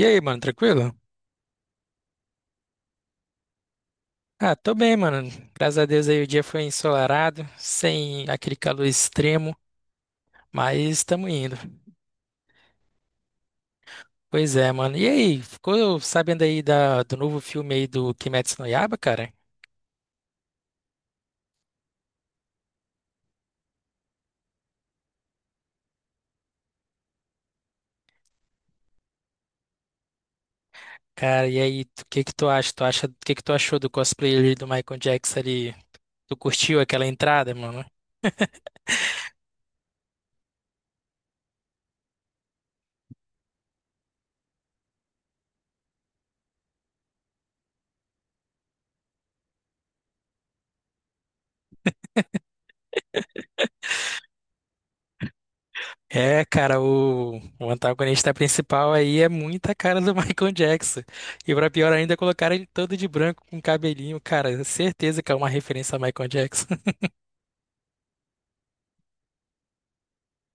E aí, mano, tranquilo? Ah, tô bem, mano. Graças a Deus aí o dia foi ensolarado, sem aquele calor extremo, mas estamos indo. Pois é, mano. E aí, ficou sabendo aí do novo filme aí do Kimetsu no Yaiba, cara? Cara, e aí, o que que tu acha? O que que tu achou do cosplay ali do Michael Jackson ali? Tu curtiu aquela entrada, mano? É, cara, o antagonista principal aí é muita cara do Michael Jackson. E pra pior ainda, colocaram ele todo de branco com cabelinho, cara. Certeza que é uma referência a Michael Jackson.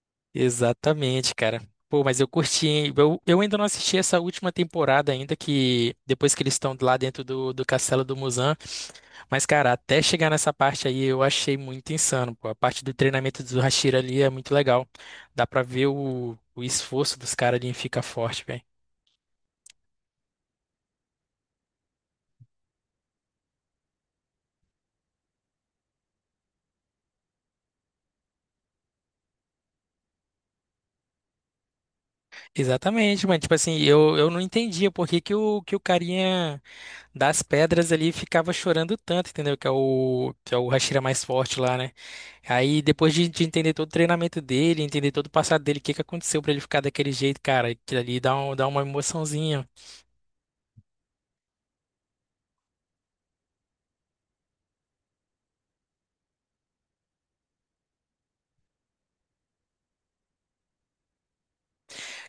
Exatamente, cara. Pô, mas eu curti, hein? Eu ainda não assisti essa última temporada ainda, que depois que eles estão lá dentro do castelo do Muzan. Mas, cara, até chegar nessa parte aí, eu achei muito insano, pô. A parte do treinamento do Hashira ali é muito legal. Dá pra ver o esforço dos caras ali em ficar forte, velho. Exatamente, mas tipo assim, eu não entendia por que que o carinha das pedras ali ficava chorando tanto, entendeu? Que é o Hashira mais forte lá, né? Aí depois de entender todo o treinamento dele, entender todo o passado dele, o que que aconteceu pra ele ficar daquele jeito, cara, aquilo ali dá uma emoçãozinha.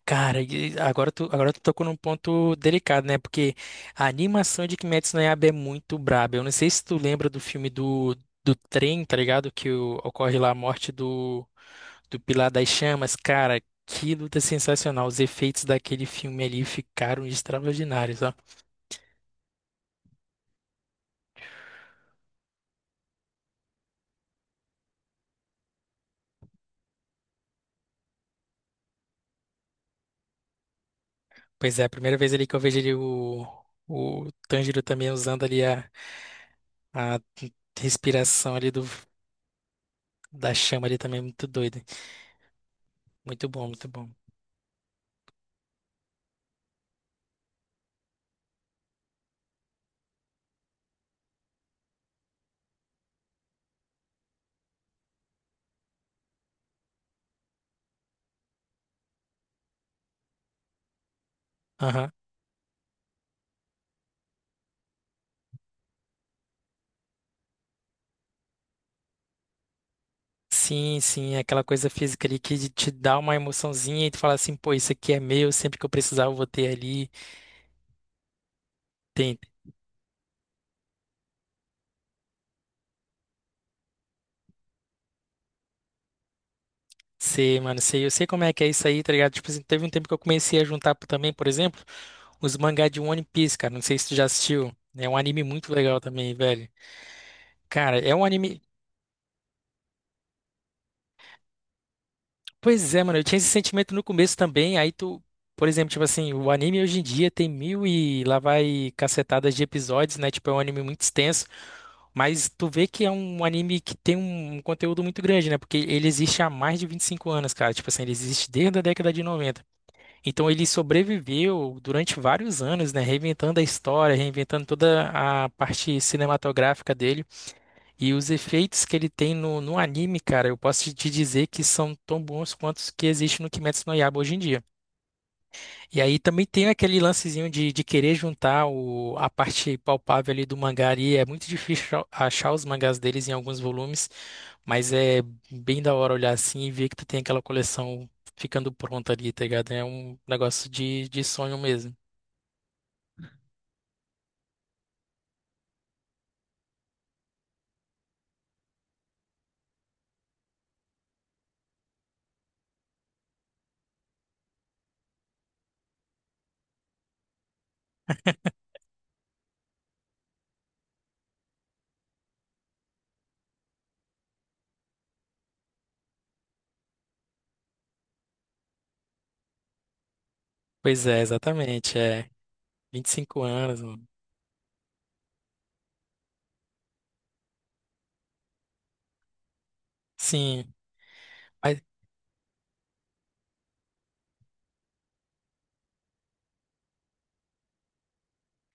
Cara, e agora agora tu tocou num ponto delicado, né? Porque a animação de Kimetsu no Yaiba é muito braba. Eu não sei se tu lembra do filme do trem, tá ligado? Que ocorre lá a morte do Pilar das Chamas. Cara, que luta sensacional. Os efeitos daquele filme ali ficaram extraordinários, ó. Pois é, a primeira vez ali que eu vejo ali o Tanjiro também usando ali a respiração ali da chama ali também, é muito doido. Muito bom, muito bom. Sim, sim, é aquela coisa física ali que te dá uma emoçãozinha e tu fala assim, pô, isso aqui é meu, sempre que eu precisar eu vou ter ali. Tem, mano, eu sei como é que é isso aí, tá ligado? Tipo assim, teve um tempo que eu comecei a juntar também, por exemplo, os mangá de One Piece, cara, não sei se tu já assistiu, né? É um anime muito legal também, velho. Cara, é um anime. Pois é, mano, eu tinha esse sentimento no começo também, aí tu. Por exemplo, tipo assim, o anime hoje em dia tem mil e lá vai cacetadas de episódios, né? Tipo, é um anime muito extenso. Mas tu vê que é um anime que tem um conteúdo muito grande, né? Porque ele existe há mais de 25 anos, cara. Tipo assim, ele existe desde a década de 90. Então ele sobreviveu durante vários anos, né? Reinventando a história, reinventando toda a parte cinematográfica dele. E os efeitos que ele tem no anime, cara, eu posso te dizer que são tão bons quanto os que existem no Kimetsu no Yaiba hoje em dia. E aí também tem aquele lancezinho de querer juntar a parte palpável ali do mangá e é muito difícil achar os mangás deles em alguns volumes, mas é bem da hora olhar assim e ver que tu tem aquela coleção ficando pronta ali, tá ligado? É um negócio de sonho mesmo. Pois é, exatamente, é 25 anos, mano. Sim. Mas-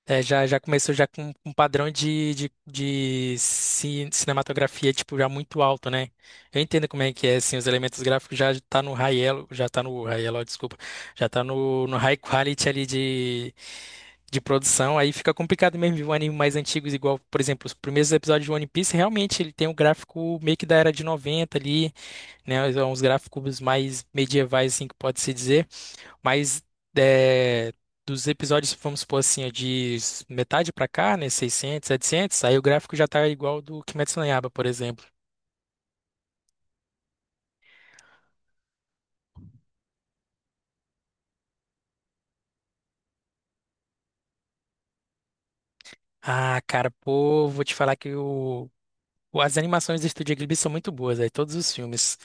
É, já começou já com um padrão de cinematografia, tipo, já muito alto, né? Eu entendo como é que é, assim, os elementos gráficos já tá no high elo, já tá no high elo, desculpa, já tá no high quality ali de produção, aí fica complicado mesmo ver um anime mais antigo, igual, por exemplo, os primeiros episódios de One Piece, realmente ele tem um gráfico meio que da era de 90 ali, né? Uns gráficos mais medievais, assim, que pode-se dizer. Mas é, dos episódios, vamos supor assim, é de metade pra cá, né? 600, 700, aí o gráfico já tá igual do Kimetsu no Yaiba, por exemplo. Ah, cara, pô, vou te falar que as animações do Estúdio Ghibli são muito boas, aí todos os filmes.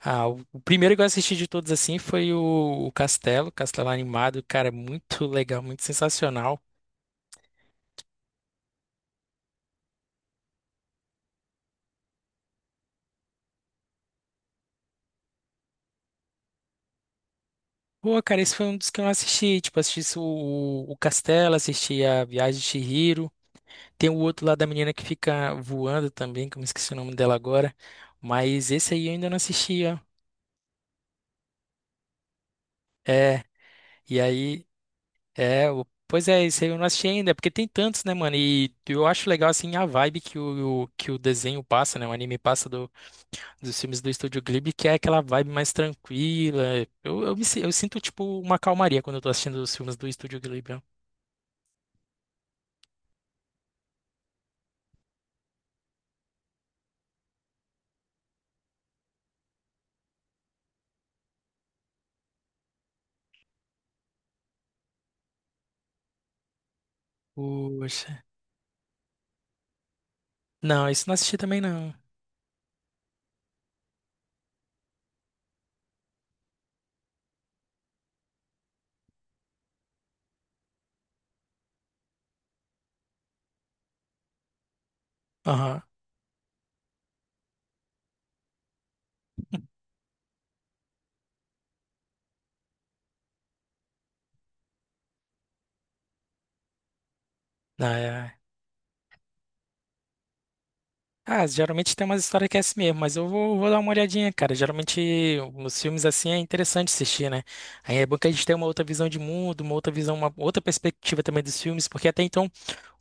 Ah, o primeiro que eu assisti de todos assim foi o Castelo Animado, cara, muito legal, muito sensacional. Pô, cara, esse foi um dos que eu não assisti, tipo, assisti o Castelo, assisti a Viagem de Chihiro. Tem o outro lá da menina que fica voando também, que eu me esqueci o nome dela agora. Mas esse aí eu ainda não assisti, ó. É, e aí, é, pois é, esse aí eu não assisti ainda, porque tem tantos, né, mano? E eu acho legal, assim, a vibe que que o desenho passa, né? O anime passa dos filmes do Estúdio Ghibli, que é aquela vibe mais tranquila. Eu sinto, tipo, uma calmaria quando eu tô assistindo os filmes do Estúdio Ghibli, ó. Poxa. Não, isso não assisti também, não. Aham. Ah, é. Ah, geralmente tem umas histórias que é assim mesmo, mas eu vou dar uma olhadinha, cara. Geralmente os filmes assim é interessante assistir, né? Aí é bom que a gente tem uma outra visão de mundo, uma outra perspectiva também dos filmes, porque até então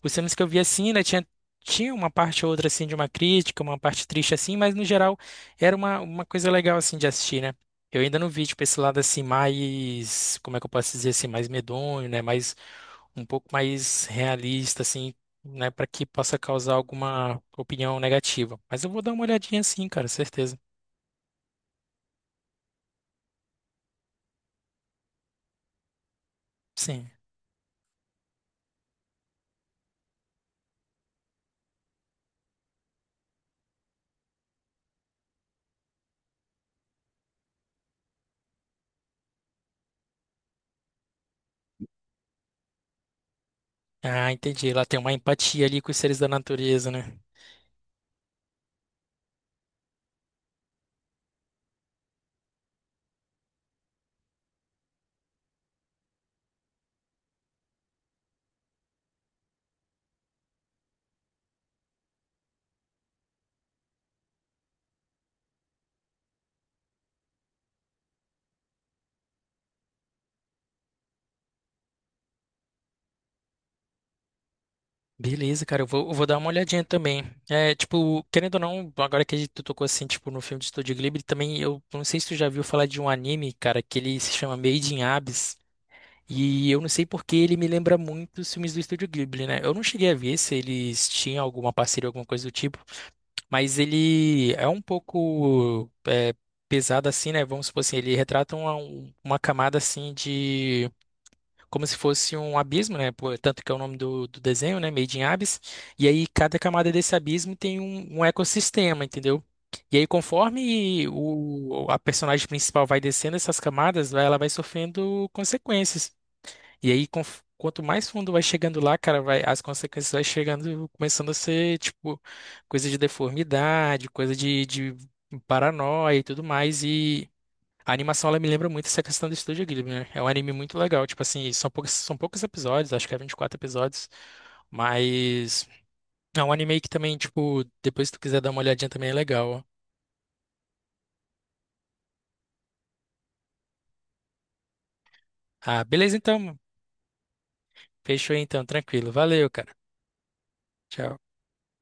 os filmes que eu vi assim, né, tinha uma parte ou outra, assim, de uma crítica, uma parte triste, assim, mas no geral era uma coisa legal, assim, de assistir, né? Eu ainda não vi, tipo, esse lado, assim, mais, como é que eu posso dizer, assim, mais medonho, né, mais, um pouco mais realista, assim, né, para que possa causar alguma opinião negativa. Mas eu vou dar uma olhadinha, assim, cara, certeza. Sim. Ah, entendi. Ela tem uma empatia ali com os seres da natureza, né? Beleza, cara, eu vou dar uma olhadinha também. É, tipo, querendo ou não, agora que a gente tocou assim, tipo, no filme de Estúdio Ghibli, também eu não sei se tu já viu falar de um anime, cara, que ele se chama Made in Abyss. E eu não sei porque ele me lembra muito os filmes do Estúdio Ghibli, né? Eu não cheguei a ver se eles tinham alguma parceria, alguma coisa do tipo, mas ele é um pouco pesado assim, né? Vamos supor assim, ele retrata uma camada assim de como se fosse um abismo, né? Pô, tanto que é o nome do desenho, né? Made in Abyss. E aí cada camada desse abismo tem um ecossistema, entendeu? E aí conforme a personagem principal vai descendo essas camadas, ela vai sofrendo consequências. E aí quanto mais fundo vai chegando lá, cara, as consequências vai chegando, começando a ser tipo coisa de deformidade, coisa de paranoia e tudo mais. E a animação, ela me lembra muito essa questão do Estúdio Ghibli, né? É um anime muito legal, tipo assim, são poucos episódios, acho que é 24 episódios, mas é um anime que também, tipo, depois se tu quiser dar uma olhadinha também é legal. Ah, beleza então, fechou então, tranquilo. Valeu, cara. Tchau.